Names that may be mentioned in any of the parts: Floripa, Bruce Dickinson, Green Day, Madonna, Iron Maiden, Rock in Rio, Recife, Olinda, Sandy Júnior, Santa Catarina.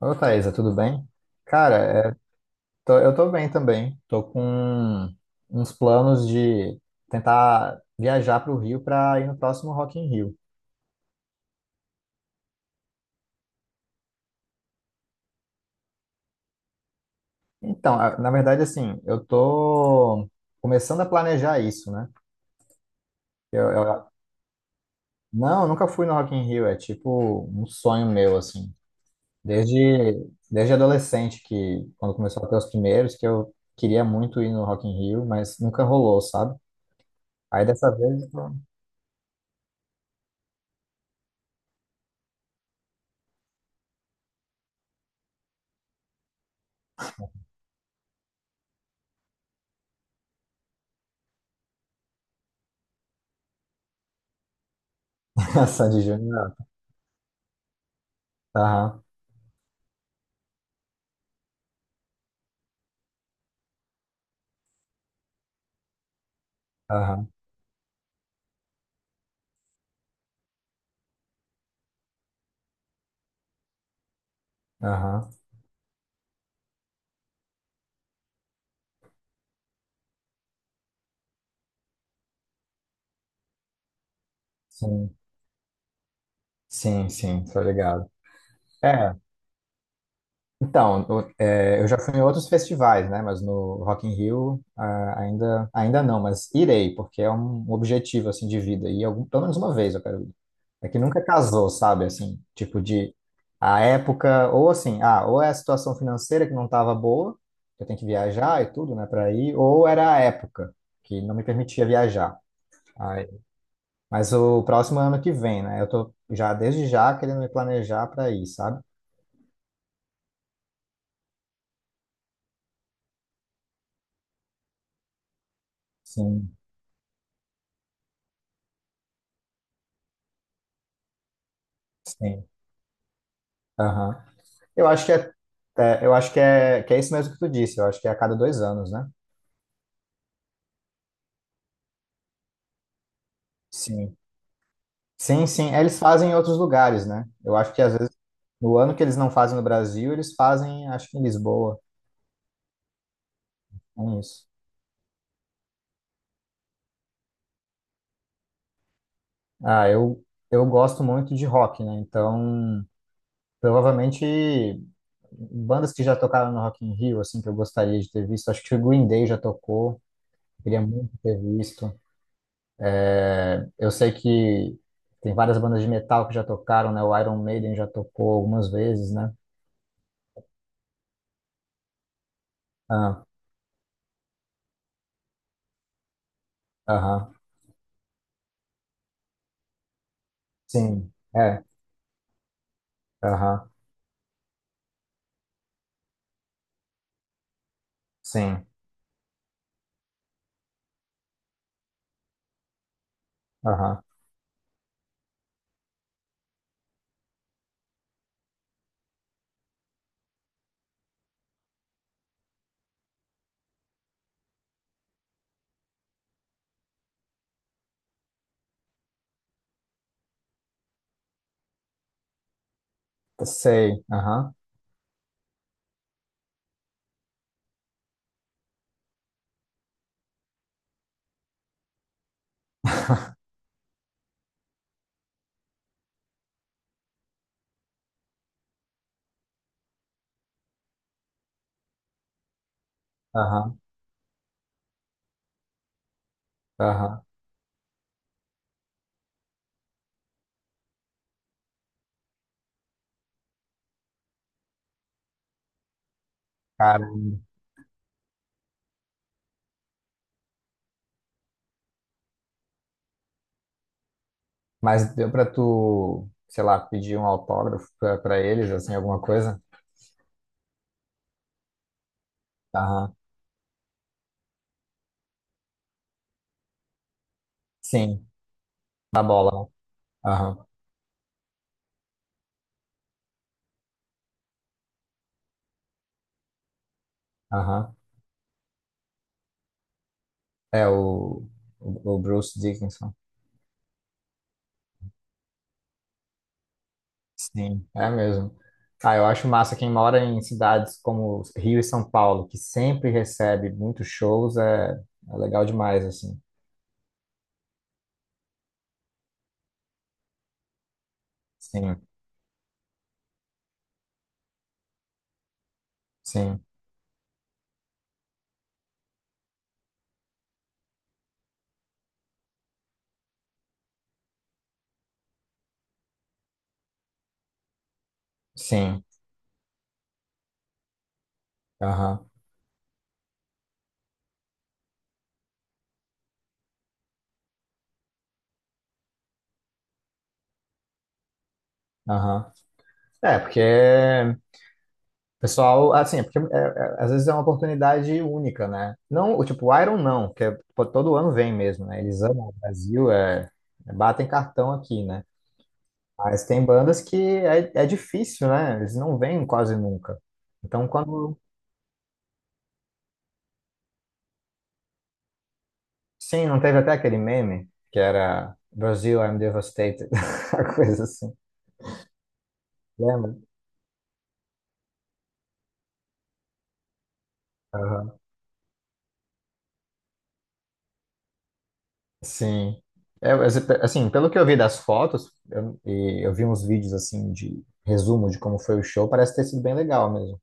Ô, Thaisa, tudo bem? Cara, é, eu tô bem também. Tô com uns planos de tentar viajar para o Rio para ir no próximo Rock in Rio. Então, na verdade, assim, eu tô começando a planejar isso, né? Eu, eu- não, eu nunca fui no Rock in Rio, é tipo um sonho meu, assim. Desde adolescente, que quando começou a ter os primeiros, que eu queria muito ir no Rock in Rio, mas nunca rolou, sabe? Aí dessa vez, eu tô- Sandy Júnior, aham. Aham, aham, sim, sim, tô ligado. É, eu já fui em outros festivais, né, mas no Rock in Rio ah, ainda não, mas irei, porque é um objetivo, assim, de vida, e algum, pelo menos uma vez eu quero ir. É que nunca casou, sabe, assim, tipo de, a época, ou assim, ah, ou é a situação financeira que não tava boa, eu tenho que viajar e tudo, né, para ir, ou era a época que não me permitia viajar. Mas o próximo ano que vem, né? Eu tô já desde já querendo me planejar para ir, sabe? Sim, sim. Aham. Eu acho que é, é, eu acho que é, Que é isso mesmo que tu disse. Eu acho que é a cada dois anos, né? Sim. Sim, sim. É, eles fazem em outros lugares, né? Eu acho que às vezes no ano que eles não fazem no Brasil, eles fazem, acho que em Lisboa. É isso. Ah, eu gosto muito de rock, né? Então, provavelmente bandas que já tocaram no Rock in Rio, assim, que eu gostaria de ter visto. Acho que o Green Day já tocou. Queria muito ter visto. É, eu sei que tem várias bandas de metal que já tocaram, né? O Iron Maiden já tocou algumas vezes, né? Ah, aham. Sim. É. Aham. Sim. Aham. Sei. Aham. Aham. Aham. Cara, mas deu pra tu, sei lá, pedir um autógrafo pra eles, assim, alguma coisa? Aham. Sim. Da bola. Né? Aham. Aham. É o Bruce Dickinson. Sim, é mesmo. Ah, eu acho massa quem mora em cidades como Rio e São Paulo, que sempre recebe muitos shows, é legal demais, assim. Sim, sim, sim. Aham, aham. É, porque pessoal, assim, às vezes é uma oportunidade única, né? Não, o tipo, o Iron não, que é, pô, todo ano vem mesmo, né? Eles amam o Brasil, batem cartão aqui, né? Mas tem bandas que é difícil, né? Eles não vêm quase nunca. Então, quando. Sim, não teve até aquele meme que era Brasil, I'm devastated, a coisa assim. Lembra? Aham. Sim. É, mas, assim, pelo que eu vi das fotos, e eu vi uns vídeos assim de resumo de como foi o show, parece ter sido bem legal mesmo.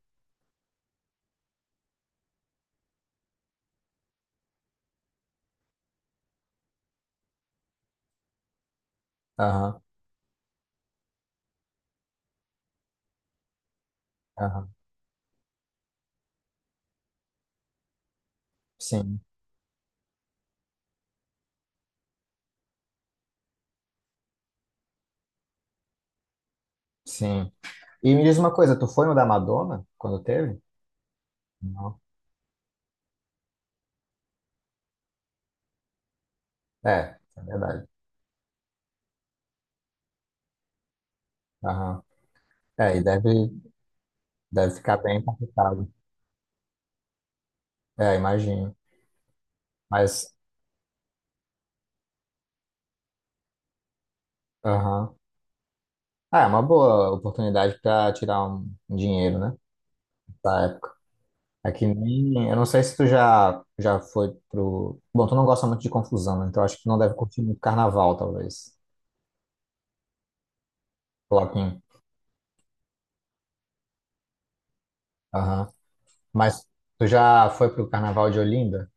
Aham, aham. Sim, sim. E me diz uma coisa, tu foi no da Madonna quando teve? Não. É, é verdade. Aham. É, e deve, deve ficar bem complicado. É, imagino. Mas, aham. Ah, é uma boa oportunidade para tirar um dinheiro, né? Da época. É que nem. Eu não sei se tu já foi pro. Bom, tu não gosta muito de confusão, né? Então acho que tu não deve curtir muito carnaval, talvez. Coloquinho. Aham. Mas tu já foi pro carnaval de Olinda?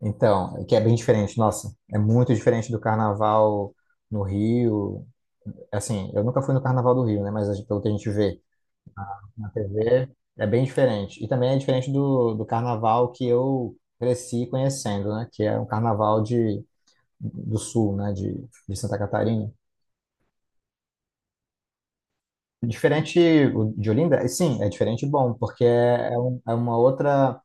Então, que é bem diferente, nossa. É muito diferente do carnaval no Rio. Assim, eu nunca fui no carnaval do Rio, né? Mas pelo que a gente vê. TV é bem diferente. E também é diferente do carnaval que eu cresci conhecendo, né? Que é um carnaval de, do sul, né? De Santa Catarina. Diferente o de Olinda, e sim, é diferente e bom, porque é, é um- é uma outra,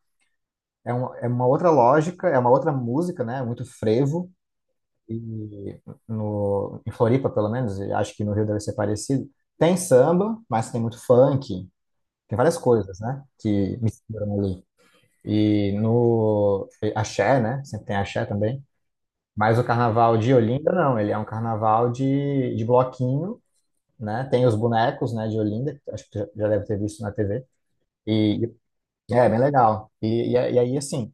é uma outra lógica, é uma outra música, né? Muito frevo. E no, em Floripa, pelo menos, e acho que no Rio deve ser parecido. Tem samba, mas tem muito funk. Tem várias coisas, né? Que misturam ali. E no. Axé, né? Sempre tem axé também. Mas o carnaval de Olinda, não. Ele é um carnaval de bloquinho, né? Tem os bonecos, né, de Olinda, que acho que tu já deve ter visto na TV. E e é bem legal. E aí, assim,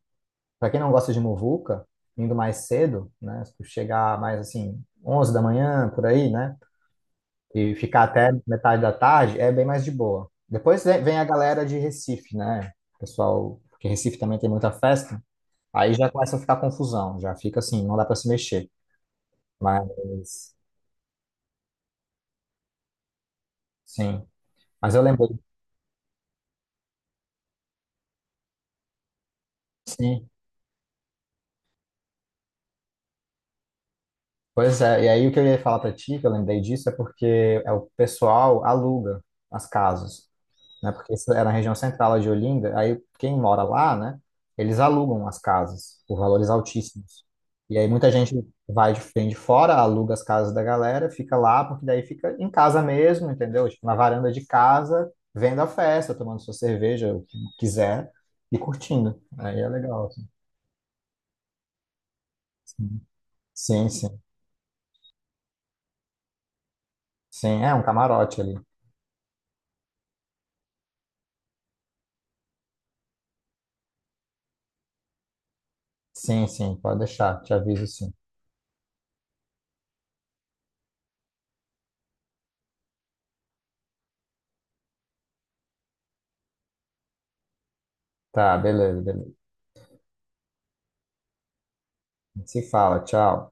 para quem não gosta de muvuca, indo mais cedo, né? Se tu chegar mais, assim, 11 da manhã, por aí, né? E ficar até metade da tarde, é bem mais de boa. Depois vem a galera de Recife, né? Pessoal, porque Recife também tem muita festa. Aí já começa a ficar confusão, já fica assim, não dá para se mexer. Mas, sim. Mas eu lembrei, sim. Pois é, e aí o que eu ia falar para ti, que eu lembrei disso, é porque é o pessoal aluga as casas. Né? Porque isso é na região central de Olinda, aí quem mora lá, né? Eles alugam as casas por valores altíssimos. E aí muita gente vem de fora, aluga as casas da galera, fica lá, porque daí fica em casa mesmo, entendeu? Tipo, na varanda de casa, vendo a festa, tomando sua cerveja, o que quiser, e curtindo. Aí é legal. Assim. Sim, sim. Sim, é um camarote ali. Sim, sim, pode deixar, te aviso sim. Tá, beleza, beleza. Se fala, tchau.